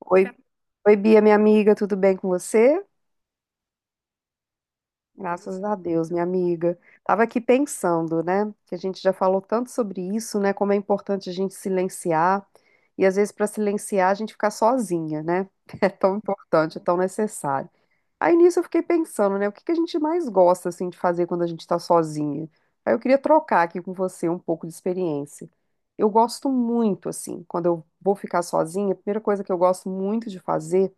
Oi, Bia, minha amiga, tudo bem com você? Graças a Deus, minha amiga. Tava aqui pensando, né, que a gente já falou tanto sobre isso, né, como é importante a gente silenciar e às vezes para silenciar a gente ficar sozinha, né? É tão importante, é tão necessário. Aí nisso eu fiquei pensando, né, o que que a gente mais gosta assim de fazer quando a gente está sozinha? Aí eu queria trocar aqui com você um pouco de experiência. Eu gosto muito assim, quando eu vou ficar sozinha, a primeira coisa que eu gosto muito de fazer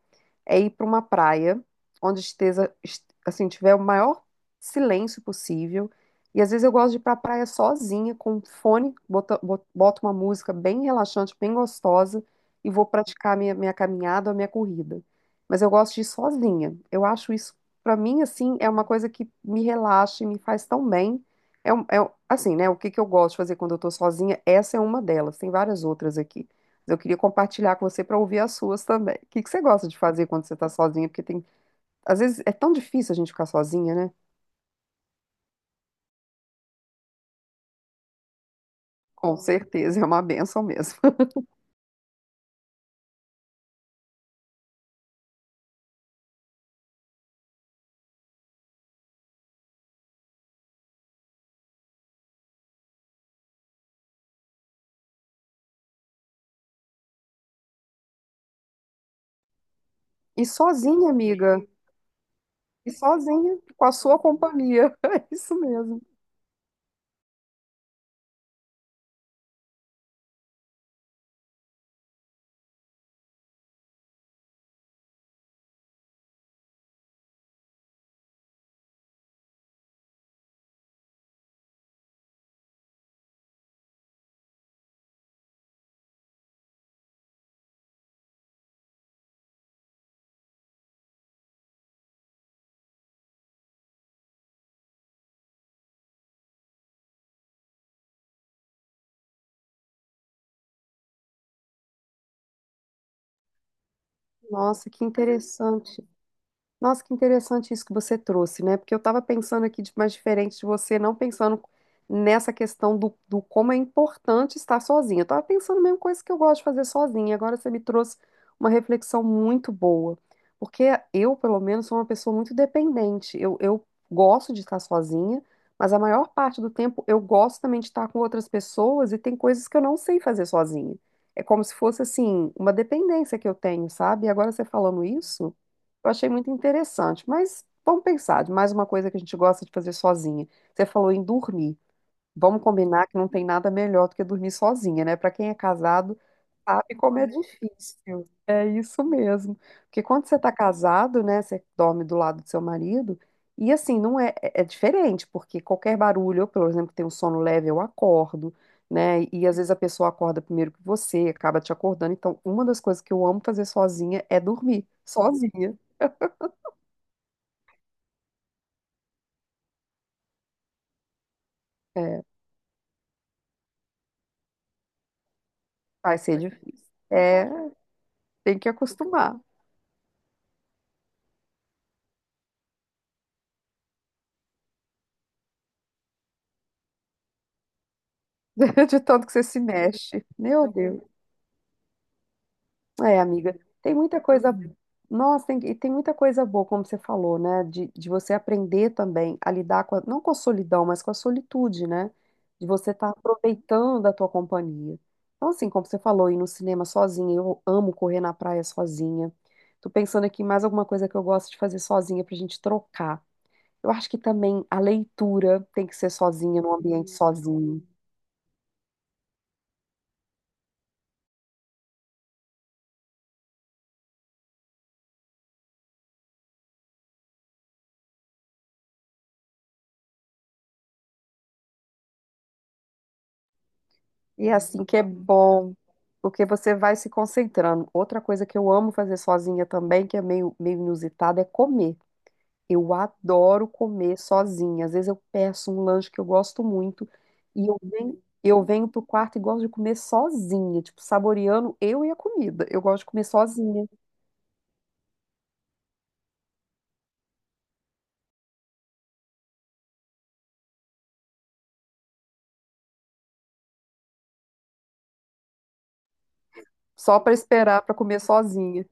é ir para uma praia onde esteja, assim, tiver o maior silêncio possível. E às vezes eu gosto de ir para a praia sozinha, com um fone, boto uma música bem relaxante, bem gostosa, e vou praticar minha caminhada ou minha corrida. Mas eu gosto de ir sozinha. Eu acho isso, para mim, assim, é uma coisa que me relaxa e me faz tão bem. É, é assim, né? O que que eu gosto de fazer quando eu tô sozinha? Essa é uma delas, tem várias outras aqui. Eu queria compartilhar com você para ouvir as suas também. O que que você gosta de fazer quando você está sozinha? Porque tem, às vezes é tão difícil a gente ficar sozinha, né? Com certeza, é uma benção mesmo. E sozinha, amiga, e sozinha, com a sua companhia. É isso mesmo. Nossa, que interessante. Nossa, que interessante isso que você trouxe, né? Porque eu estava pensando aqui de mais diferente de você, não pensando nessa questão do, do como é importante estar sozinha. Eu estava pensando a mesma coisa que eu gosto de fazer sozinha. Agora você me trouxe uma reflexão muito boa. Porque eu, pelo menos, sou uma pessoa muito dependente. Eu gosto de estar sozinha, mas a maior parte do tempo eu gosto também de estar com outras pessoas e tem coisas que eu não sei fazer sozinha. É como se fosse, assim, uma dependência que eu tenho, sabe? E agora você falando isso. Eu achei muito interessante, mas vamos pensar de mais uma coisa que a gente gosta de fazer sozinha. Você falou em dormir. Vamos combinar que não tem nada melhor do que dormir sozinha, né? Para quem é casado, sabe como é difícil. É isso mesmo. Porque quando você está casado, né, você dorme do lado do seu marido, e assim, não é, é diferente, porque qualquer barulho, eu, por exemplo, tenho um sono leve, eu acordo, né? E às vezes a pessoa acorda primeiro que você, acaba te acordando. Então, uma das coisas que eu amo fazer sozinha é dormir, sozinha. É. Vai ser difícil. É, tem que acostumar, de tanto que você se mexe. Meu Deus. É, amiga, tem muita coisa. Nossa, tem, e tem muita coisa boa, como você falou, né? De você aprender também a lidar com, não com a solidão, mas com a solitude, né? De você estar aproveitando a tua companhia. Então, assim, como você falou, ir no cinema sozinha, eu amo correr na praia sozinha. Tô pensando aqui em mais alguma coisa que eu gosto de fazer sozinha pra gente trocar. Eu acho que também a leitura tem que ser sozinha, num ambiente sozinho. E é assim que é bom, porque você vai se concentrando. Outra coisa que eu amo fazer sozinha também, que é meio inusitada, é comer. Eu adoro comer sozinha. Às vezes eu peço um lanche que eu gosto muito e eu venho pro quarto e gosto de comer sozinha, tipo, saboreando eu e a comida. Eu gosto de comer sozinha, só para esperar para comer sozinha,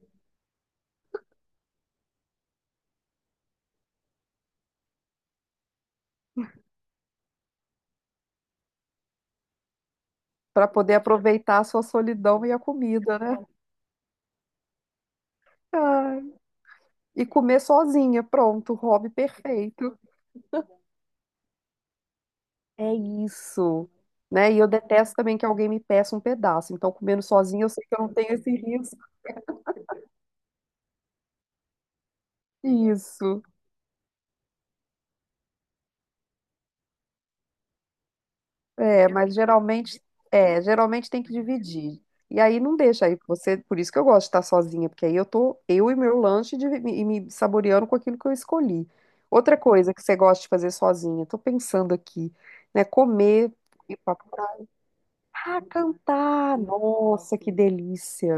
para poder aproveitar a sua solidão e a comida, né? Ai. E comer sozinha. Pronto, hobby perfeito. É isso. Né? E eu detesto também que alguém me peça um pedaço. Então, comendo sozinha, eu sei que eu não tenho esse risco. Isso. É, mas geralmente, geralmente tem que dividir. E aí não deixa aí você, por isso que eu gosto de estar sozinha, porque aí eu tô eu e meu lanche e me saboreando com aquilo que eu escolhi. Outra coisa que você gosta de fazer sozinha, tô pensando aqui, né, comer, ir praia, ah, cantar. Nossa, que delícia.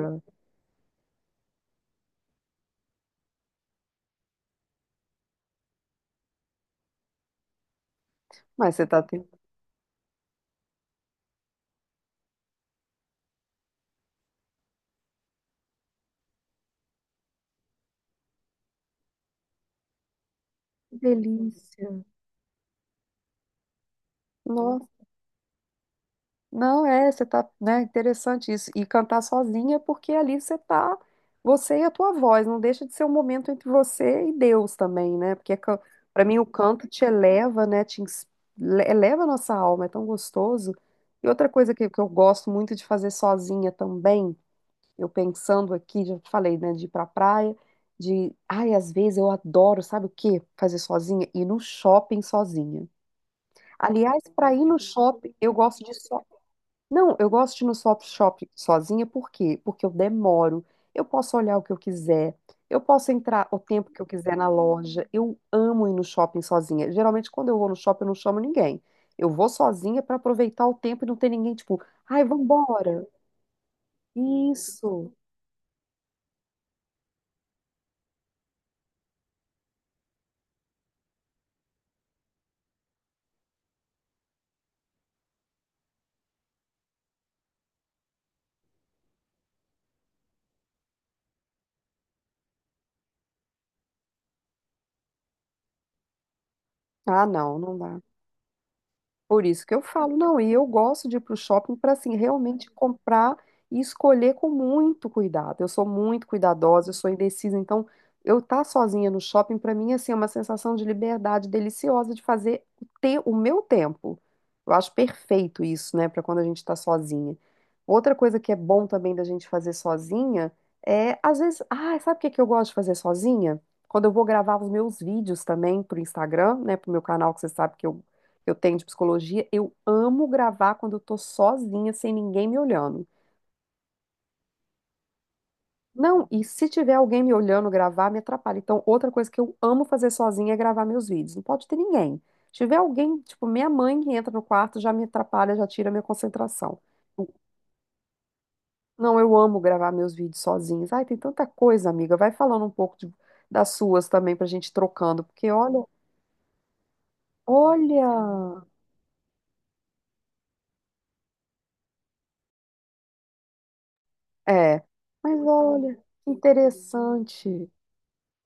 Mas você tá tendo. Que delícia. Nossa, não é, você tá, né, interessante isso. E cantar sozinha, porque ali você tá, você e a tua voz, não deixa de ser um momento entre você e Deus também, né? Porque para mim o canto te eleva, né, eleva a nossa alma, é tão gostoso. E outra coisa que eu gosto muito de fazer sozinha também, eu pensando aqui, já te falei, né, de ir pra praia, de, ai, às vezes eu adoro, sabe o quê? Fazer sozinha, ir no shopping sozinha. Aliás, para ir no shopping, eu gosto de só. Não, eu gosto de ir no shopping sozinha, por quê? Porque eu demoro, eu posso olhar o que eu quiser, eu posso entrar o tempo que eu quiser na loja. Eu amo ir no shopping sozinha. Geralmente, quando eu vou no shopping, eu não chamo ninguém. Eu vou sozinha para aproveitar o tempo e não ter ninguém, tipo, ai, vambora. Isso. Ah, não, não dá. Por isso que eu falo, não, e eu gosto de ir para o shopping para assim realmente comprar e escolher com muito cuidado. Eu sou muito cuidadosa, eu sou indecisa, então eu estar tá sozinha no shopping para mim assim é uma sensação de liberdade deliciosa de fazer o meu tempo. Eu acho perfeito isso, né, para quando a gente está sozinha. Outra coisa que é bom também da gente fazer sozinha é às vezes, ah, sabe o que que eu gosto de fazer sozinha? Quando eu vou gravar os meus vídeos também para o Instagram, né, para o meu canal que você sabe que eu tenho de psicologia, eu amo gravar quando eu tô sozinha, sem ninguém me olhando. Não, e se tiver alguém me olhando gravar, me atrapalha. Então, outra coisa que eu amo fazer sozinha é gravar meus vídeos. Não pode ter ninguém. Se tiver alguém, tipo, minha mãe que entra no quarto, já me atrapalha, já tira a minha concentração. Não, eu amo gravar meus vídeos sozinhos. Ai, tem tanta coisa, amiga. Vai falando um pouco das suas também pra gente ir trocando, porque olha, olha, é, mas olha, que interessante.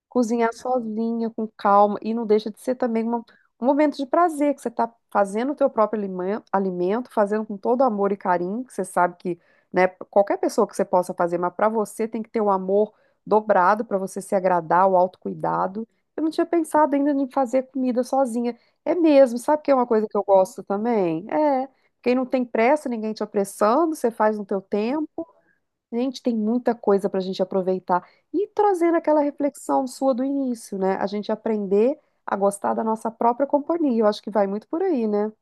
Cozinhar sozinha, com calma, e não deixa de ser também um momento de prazer, que você está fazendo o teu próprio alimento, fazendo com todo amor e carinho, que você sabe que, né, qualquer pessoa que você possa fazer, mas para você tem que ter o amor dobrado para você se agradar, o autocuidado. Eu não tinha pensado ainda em fazer comida sozinha. É mesmo, sabe que é uma coisa que eu gosto também? É, quem não tem pressa, ninguém te apressando, você faz no teu tempo. Gente, tem muita coisa para a gente aproveitar. E trazendo aquela reflexão sua do início, né? A gente aprender a gostar da nossa própria companhia. Eu acho que vai muito por aí, né?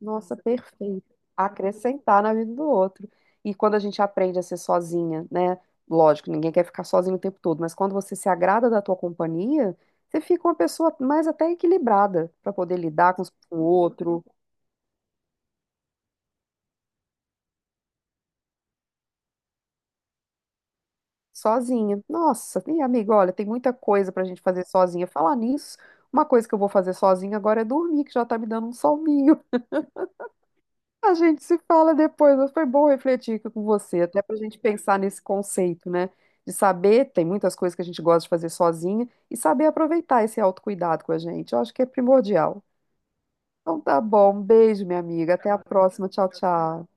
Nossa, perfeito. Acrescentar na vida do outro. E quando a gente aprende a ser sozinha, né? Lógico, ninguém quer ficar sozinho o tempo todo, mas quando você se agrada da tua companhia, você fica uma pessoa mais até equilibrada para poder lidar com com o outro sozinha. Nossa, e amiga, olha, tem muita coisa pra gente fazer sozinha. Falar nisso, uma coisa que eu vou fazer sozinha agora é dormir, que já tá me dando um soninho. A gente se fala depois, mas foi bom refletir aqui com você, até pra gente pensar nesse conceito, né? De saber, tem muitas coisas que a gente gosta de fazer sozinha, e saber aproveitar esse autocuidado com a gente. Eu acho que é primordial. Então tá bom, um beijo, minha amiga. Até a próxima. Tchau, tchau.